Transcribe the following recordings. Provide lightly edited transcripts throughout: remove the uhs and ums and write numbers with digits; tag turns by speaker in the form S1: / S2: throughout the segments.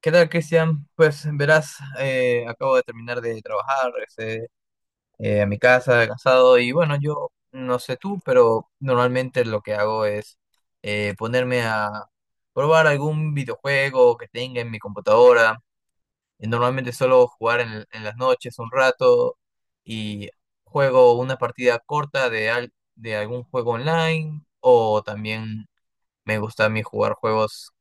S1: ¿Qué tal, Cristian? Pues verás, acabo de terminar de trabajar, regresé a mi casa, cansado, y bueno, yo no sé tú, pero normalmente lo que hago es ponerme a probar algún videojuego que tenga en mi computadora. Y normalmente solo jugar en las noches un rato y juego una partida corta de algún juego online, o también me gusta a mí jugar juegos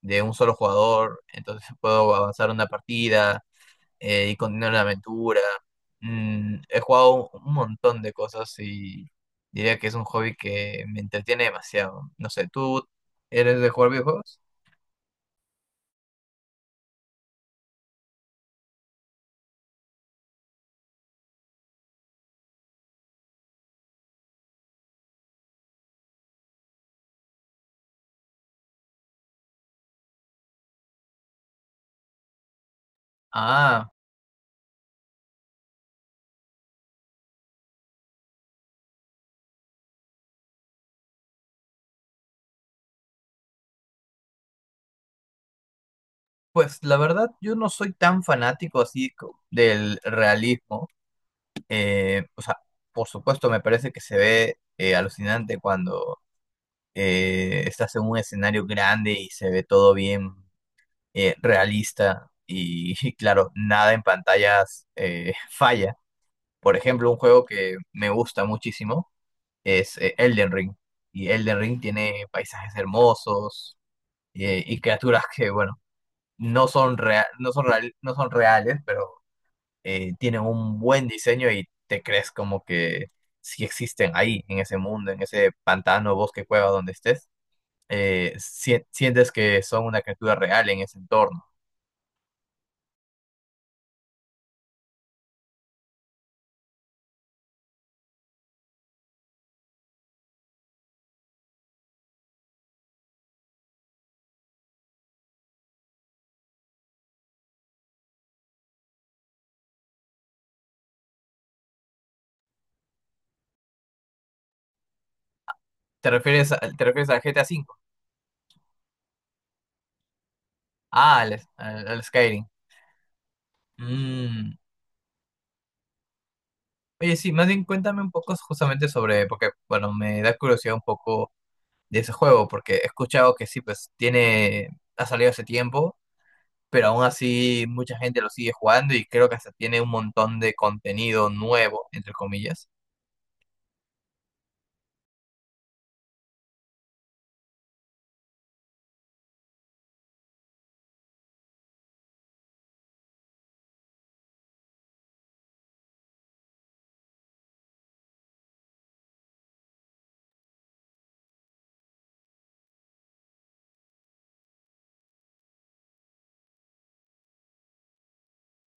S1: de un solo jugador. Entonces puedo avanzar una partida y continuar la aventura. Mm, he jugado un montón de cosas y diría que es un hobby que me entretiene demasiado. No sé, ¿tú eres de jugar videojuegos? Ah, pues la verdad yo no soy tan fanático del realismo. O sea, por supuesto me parece que se ve alucinante cuando estás en un escenario grande y se ve todo bien realista y, claro, nada en pantallas falla. Por ejemplo, un juego que me gusta muchísimo es Elden Ring. Y Elden Ring tiene paisajes hermosos y criaturas que, bueno, no son reales, pero tienen un buen diseño y te crees como que sí existen ahí, en ese mundo, en ese pantano, bosque, cueva, donde estés. Sientes que son una criatura real en ese entorno. ¿Te refieres, te refieres al GTA V? Ah, al Skyrim. Mm. Oye, sí, más bien cuéntame un poco justamente sobre, porque, bueno, me da curiosidad un poco de ese juego, porque he escuchado que sí, pues tiene, ha salido hace tiempo, pero aún así mucha gente lo sigue jugando, y creo que hasta tiene un montón de contenido nuevo, entre comillas.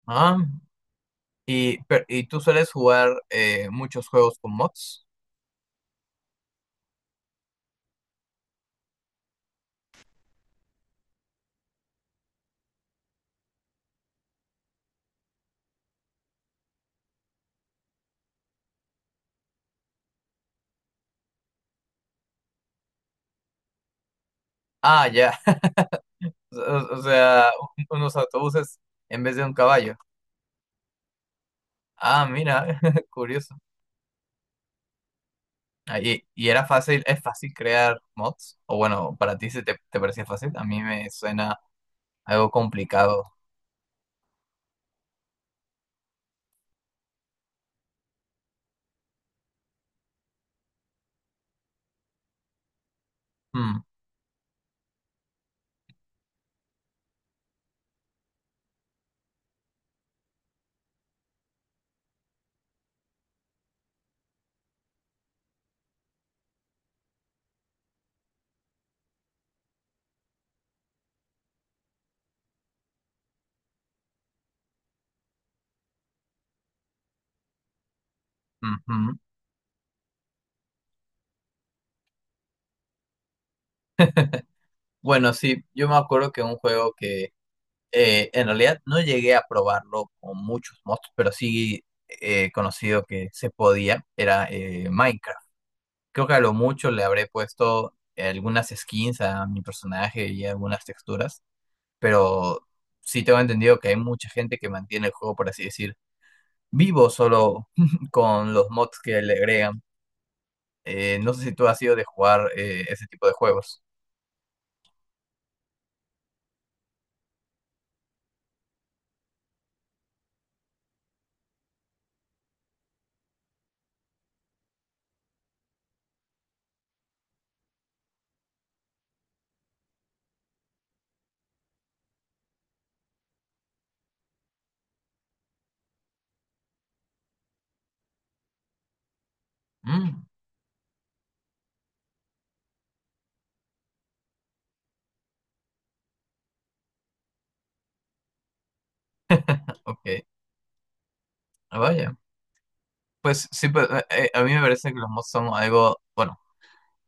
S1: Ah, y, pero ¿y tú sueles jugar muchos juegos con mods? Ah, ya. O, o sea, unos autobuses en vez de un caballo. Ah, mira, curioso. Ah, y, ¿y era fácil, es fácil crear mods? O bueno, para ti te parecía fácil, a mí me suena algo complicado. Mm, ujú. Bueno, sí, yo me acuerdo que un juego que en realidad no llegué a probarlo con muchos mods, pero sí he conocido que se podía, era Minecraft. Creo que a lo mucho le habré puesto algunas skins a mi personaje y algunas texturas, pero sí tengo entendido que hay mucha gente que mantiene el juego, por así decir, vivo, solo con los mods que le agregan. No sé si tú has sido de jugar ese tipo de juegos. Mm, ok. Ah, vaya. Pues sí, pues, a mí me parece que los mods son algo, bueno,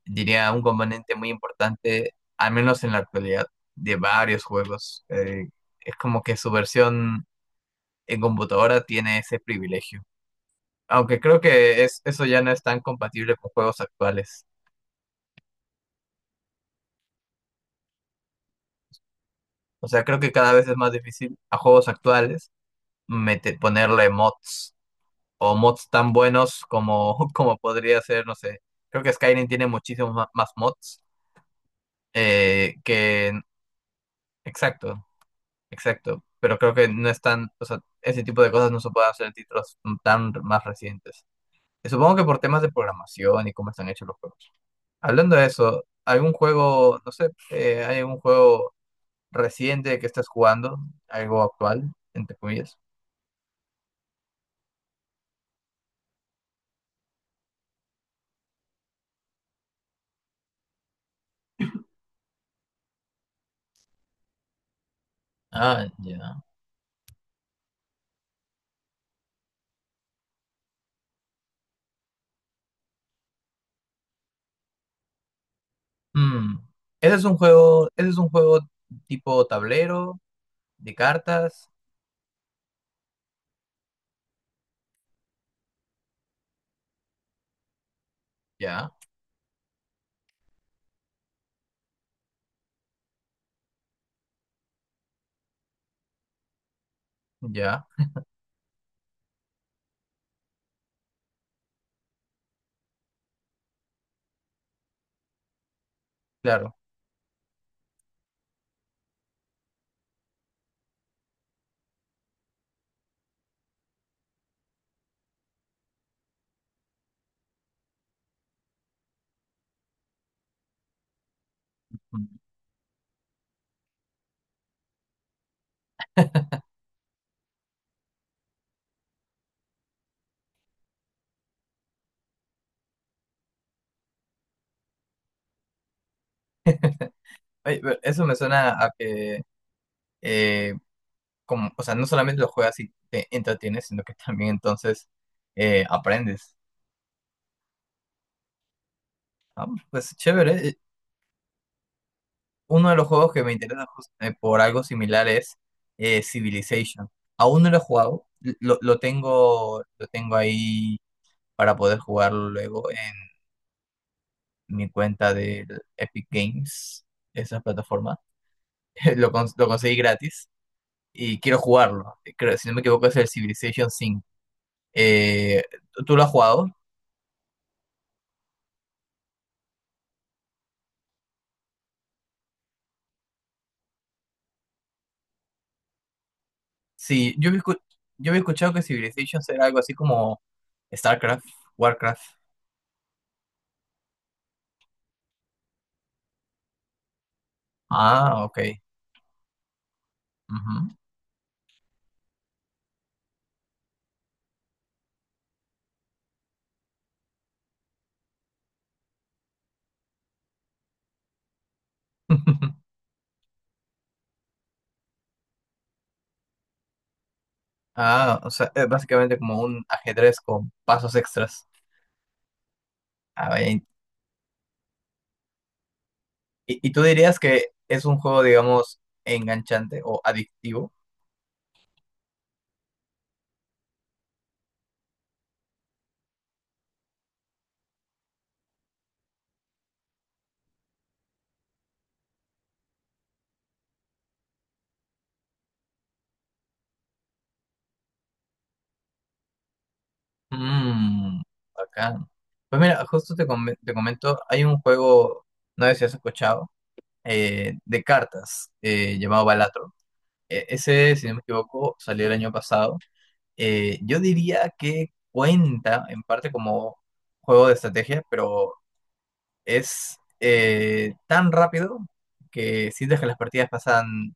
S1: diría un componente muy importante, al menos en la actualidad, de varios juegos. Es como que su versión en computadora tiene ese privilegio. Aunque creo que es, eso ya no es tan compatible con juegos actuales. O sea, creo que cada vez es más difícil a juegos actuales ponerle mods, o mods tan buenos como, como podría ser, no sé. Creo que Skyrim tiene muchísimos más mods que... Exacto, exacto. Pero creo que no están, o sea, ese tipo de cosas no se pueden hacer en títulos tan más recientes. Y supongo que por temas de programación y cómo están hechos los juegos. Hablando de eso, ¿algún juego, no sé, hay algún juego reciente que estés jugando? ¿Algo actual, entre comillas? Ah, ya. Mm. Ese es un juego, ese es un juego tipo tablero, de cartas. Ya, ya, claro. Mm. Oye, pero eso me suena a que, eh, como, o sea, no solamente lo juegas y te entretienes, sino que también entonces aprendes. Ah, pues chévere. Uno de los juegos que me interesa por algo similar es Civilization. Aún no lo he jugado, lo tengo ahí para poder jugarlo luego. Mi cuenta de Epic Games, esa plataforma. Lo conseguí gratis y quiero jugarlo. Creo, si no me equivoco, es el Civilization 5. Eh, ¿tú lo has jugado? Sí, yo había escuchado que Civilization era algo así como StarCraft, Warcraft. Ah, ok. Ujú. Ah, o sea, es básicamente como un ajedrez con pasos extras. Ah, vaya. Y tú dirías que es un juego, digamos, enganchante o adictivo? Mmm, bacán. Pues mira, justo te comento, hay un juego, no sé si has escuchado, de cartas llamado Balatro. Ese, si no me equivoco, salió el año pasado. Yo diría que cuenta en parte como juego de estrategia, pero es tan rápido que sientes que las partidas pasan,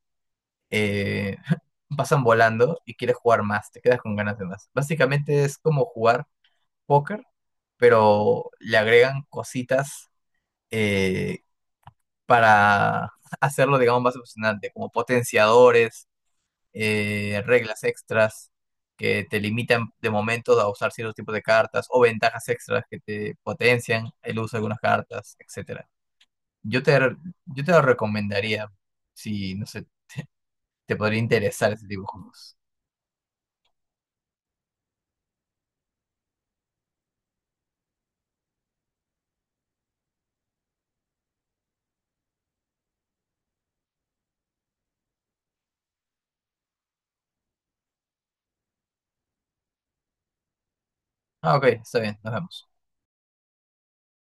S1: eh, pasan volando y quieres jugar más, te quedas con ganas de más. Básicamente es como jugar póker, pero le agregan cositas eh, para hacerlo, digamos, más emocionante, como potenciadores, reglas extras que te limitan de momento a usar ciertos tipos de cartas, o ventajas extras que te potencian el uso de algunas cartas, etcétera. Yo te, yo te lo recomendaría si, no sé, te podría interesar ese tipo de juegos. Ah, ok, está bien, nos vemos.